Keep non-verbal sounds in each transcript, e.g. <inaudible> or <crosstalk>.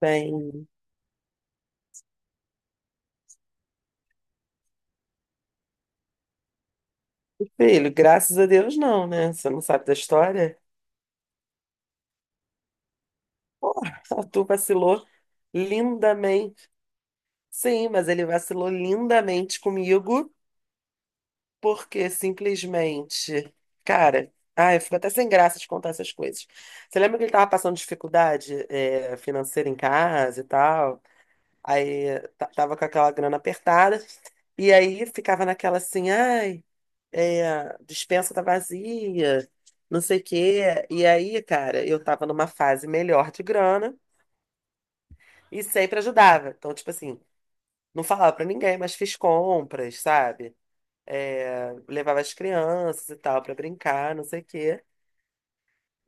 Tem. Filho, graças a Deus não, né? Você não sabe da história? Porra, <laughs> tu vacilou lindamente. Sim, mas ele vacilou lindamente comigo, porque simplesmente. Cara, ai, eu fico até sem graça de contar essas coisas. Você lembra que ele tava passando dificuldade, financeira em casa e tal? Tava com aquela grana apertada. E aí ficava naquela assim, ai. É, dispensa tá vazia, não sei o quê. E aí, cara, eu tava numa fase melhor de grana e sempre ajudava. Então, tipo assim, não falava pra ninguém, mas fiz compras, sabe? É, levava as crianças e tal pra brincar, não sei o quê.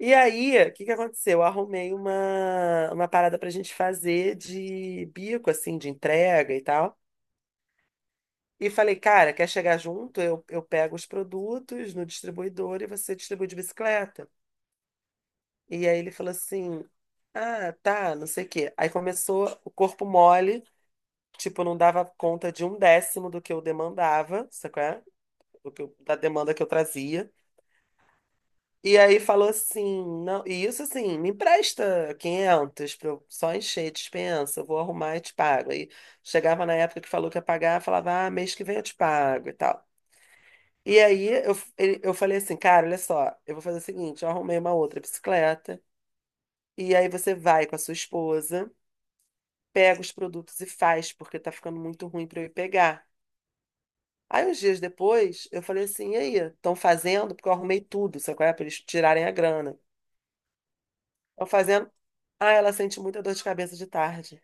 E aí, o que que aconteceu? Eu arrumei uma parada pra gente fazer de bico, assim, de entrega e tal. E falei, cara, quer chegar junto? Eu pego os produtos no distribuidor e você distribui de bicicleta. E aí ele falou assim: Ah, tá, não sei o quê. Aí começou o corpo mole, tipo, não dava conta de um décimo do que eu demandava, sabe qual é? Da demanda que eu trazia. E aí falou assim: Não, e isso assim, me empresta 500 pra eu só encher a dispensa, eu vou arrumar e te pago. Aí chegava na época que falou que ia pagar, falava: Ah, mês que vem eu te pago e tal. E aí eu falei assim: Cara, olha só, eu vou fazer o seguinte: eu arrumei uma outra bicicleta. E aí você vai com a sua esposa, pega os produtos e faz, porque tá ficando muito ruim para eu ir pegar. Aí, uns dias depois, eu falei assim: e aí, estão fazendo? Porque eu arrumei tudo, sabe qual é? Para eles tirarem a grana. Estão fazendo. Ah, ela sente muita dor de cabeça de tarde.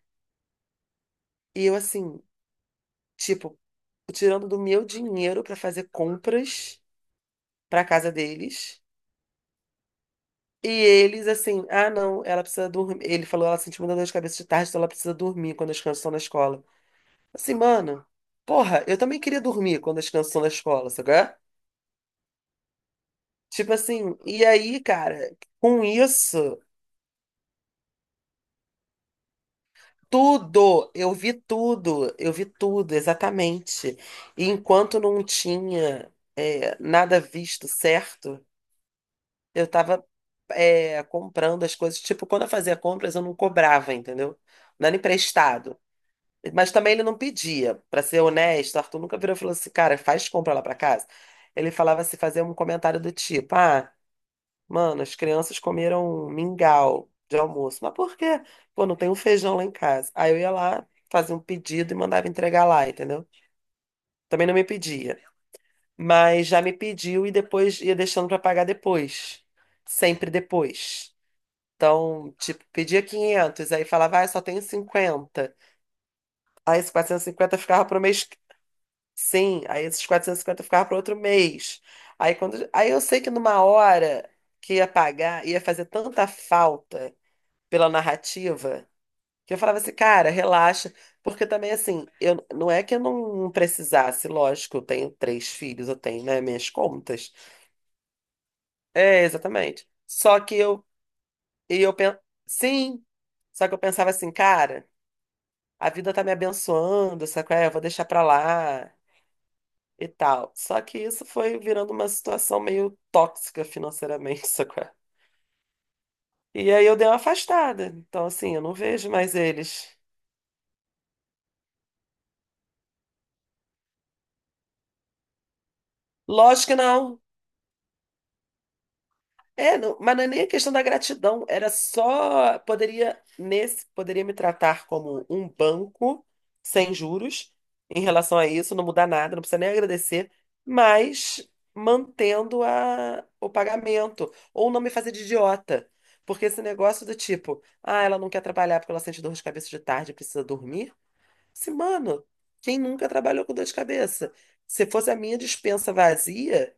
E eu, assim, tipo, tirando do meu dinheiro para fazer compras para casa deles. E eles, assim, ah, não, ela precisa dormir. Ele falou: ela sente muita dor de cabeça de tarde, então ela precisa dormir quando as crianças estão na escola. Assim, mano, porra, eu também queria dormir quando as crianças estão na escola, sabe qual é? Tipo assim, e aí, cara, com isso, tudo, eu vi tudo, eu vi tudo, exatamente. E enquanto não tinha nada visto certo, eu tava comprando as coisas. Tipo, quando eu fazia compras, eu não cobrava, entendeu? Não era emprestado. Mas também ele não pedia. Pra ser honesto, o Arthur nunca virou e falou assim, cara, faz compra lá pra casa. Ele falava assim, fazia um comentário do tipo, ah. Mano, as crianças comeram mingau de almoço. Mas por quê? Pô, não tem um feijão lá em casa. Aí eu ia lá, fazia um pedido e mandava entregar lá, entendeu? Também não me pedia. Mas já me pediu e depois ia deixando pra pagar depois. Sempre depois. Então, tipo, pedia 500, aí falava, ah, só tenho 50. Aí esses 450 ficava pro mês. Sim, aí esses 450 ficava pro outro mês. Aí quando, aí eu sei que numa hora que ia pagar, ia fazer tanta falta pela narrativa, que eu falava assim, cara, relaxa, porque também assim, eu não é que eu não precisasse, lógico, eu tenho três filhos, eu tenho, né, minhas contas. É, exatamente. Só que eu e eu pen... Sim, só que eu pensava assim, cara, a vida tá me abençoando, sabe qual é? Eu vou deixar pra lá e tal. Só que isso foi virando uma situação meio tóxica financeiramente, <laughs> sabe qual é? E aí eu dei uma afastada. Então assim, eu não vejo mais eles. Lógico que não. É, mas não é nem a questão da gratidão, era só poderia me tratar como um banco sem juros em relação a isso, não mudar nada, não precisa nem agradecer, mas mantendo o pagamento ou não me fazer de idiota, porque esse negócio do tipo, ah, ela não quer trabalhar porque ela sente dor de cabeça de tarde, e precisa dormir. Se, Mano, quem nunca trabalhou com dor de cabeça? Se fosse a minha despensa vazia,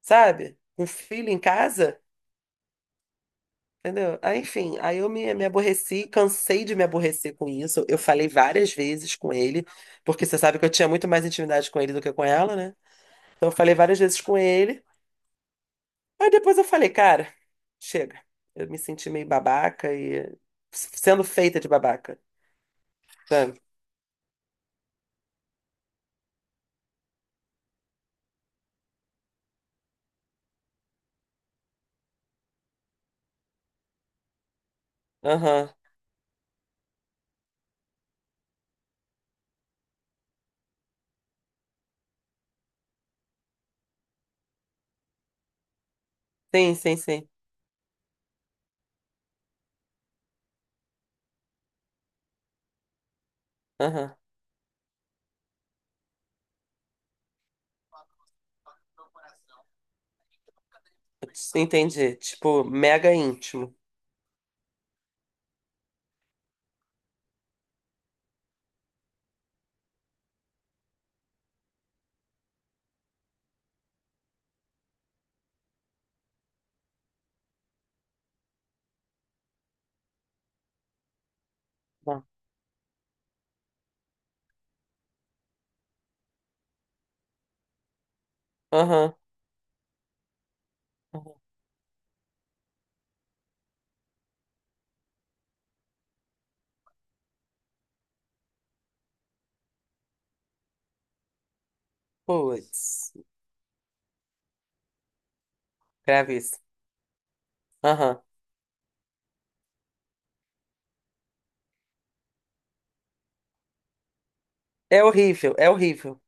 sabe? Com filho em casa. Entendeu? Aí, enfim, aí eu me aborreci, cansei de me aborrecer com isso. Eu falei várias vezes com ele, porque você sabe que eu tinha muito mais intimidade com ele do que com ela, né? Então eu falei várias vezes com ele. Aí depois eu falei, cara, chega. Eu me senti meio babaca e sendo feita de babaca, sabe? Aham. Sim, sim, sim. Aham. Entendi. Tipo, mega íntimo. Tá. Aham. Aham. Putz, grave isso. Aham. É horrível, é horrível.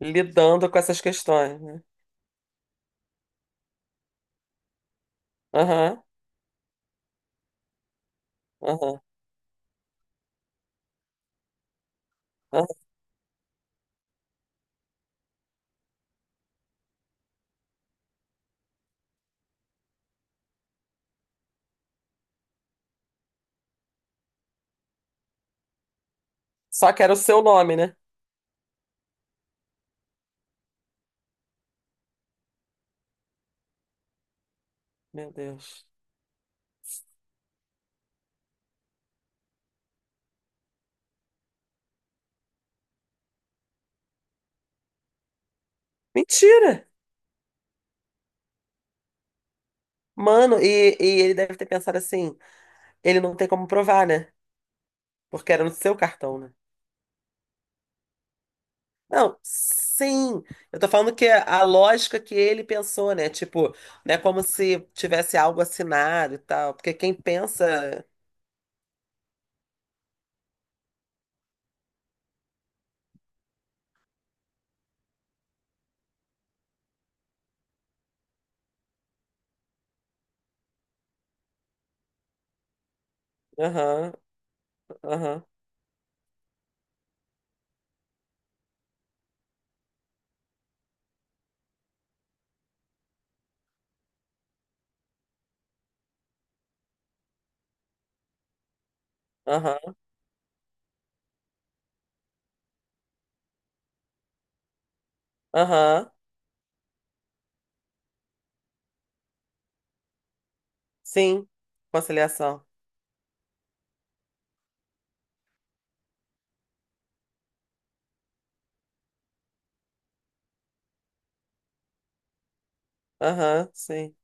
Lidando com essas questões, né? Aham, aham, aham. Só que era o seu nome, né? Meu Deus. Mentira! Mano, e ele deve ter pensado assim, ele não tem como provar, né? Porque era no seu cartão, né? Não, sim. Eu tô falando que a lógica que ele pensou, né? Tipo, não é como se tivesse algo assinado e tal. Porque quem pensa. Aham, aham, aham, aham. Sim. Conciliação. Aham, sim.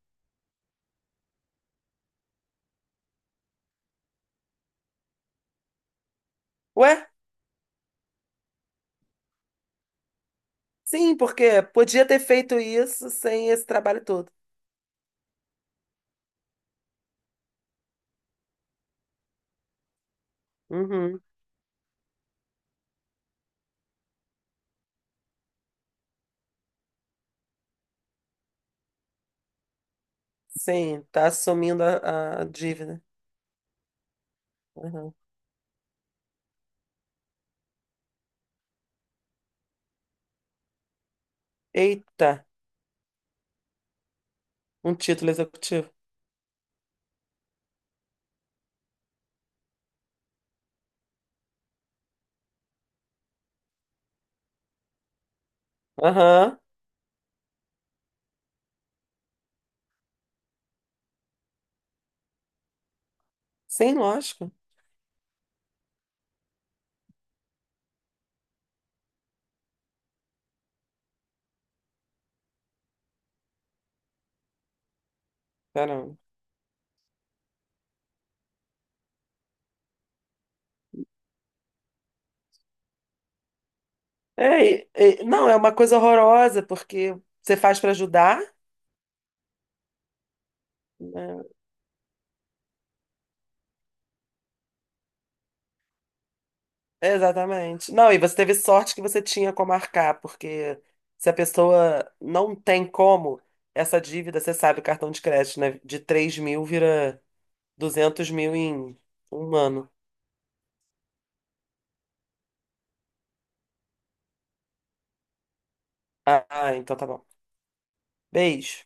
Ué? Sim, porque podia ter feito isso sem esse trabalho todo. Uhum. Sim, tá assumindo a dívida. Uhum. Eita, um título executivo. Aham. Sim, lógico. Caramba. É, não, é uma coisa horrorosa, porque você faz para ajudar, né? Exatamente. Não, e você teve sorte que você tinha como arcar, porque se a pessoa não tem como, essa dívida, você sabe, o cartão de crédito, né? De 3.000 vira 200.000 em um ano. Ah, ah, então tá bom. Beijo.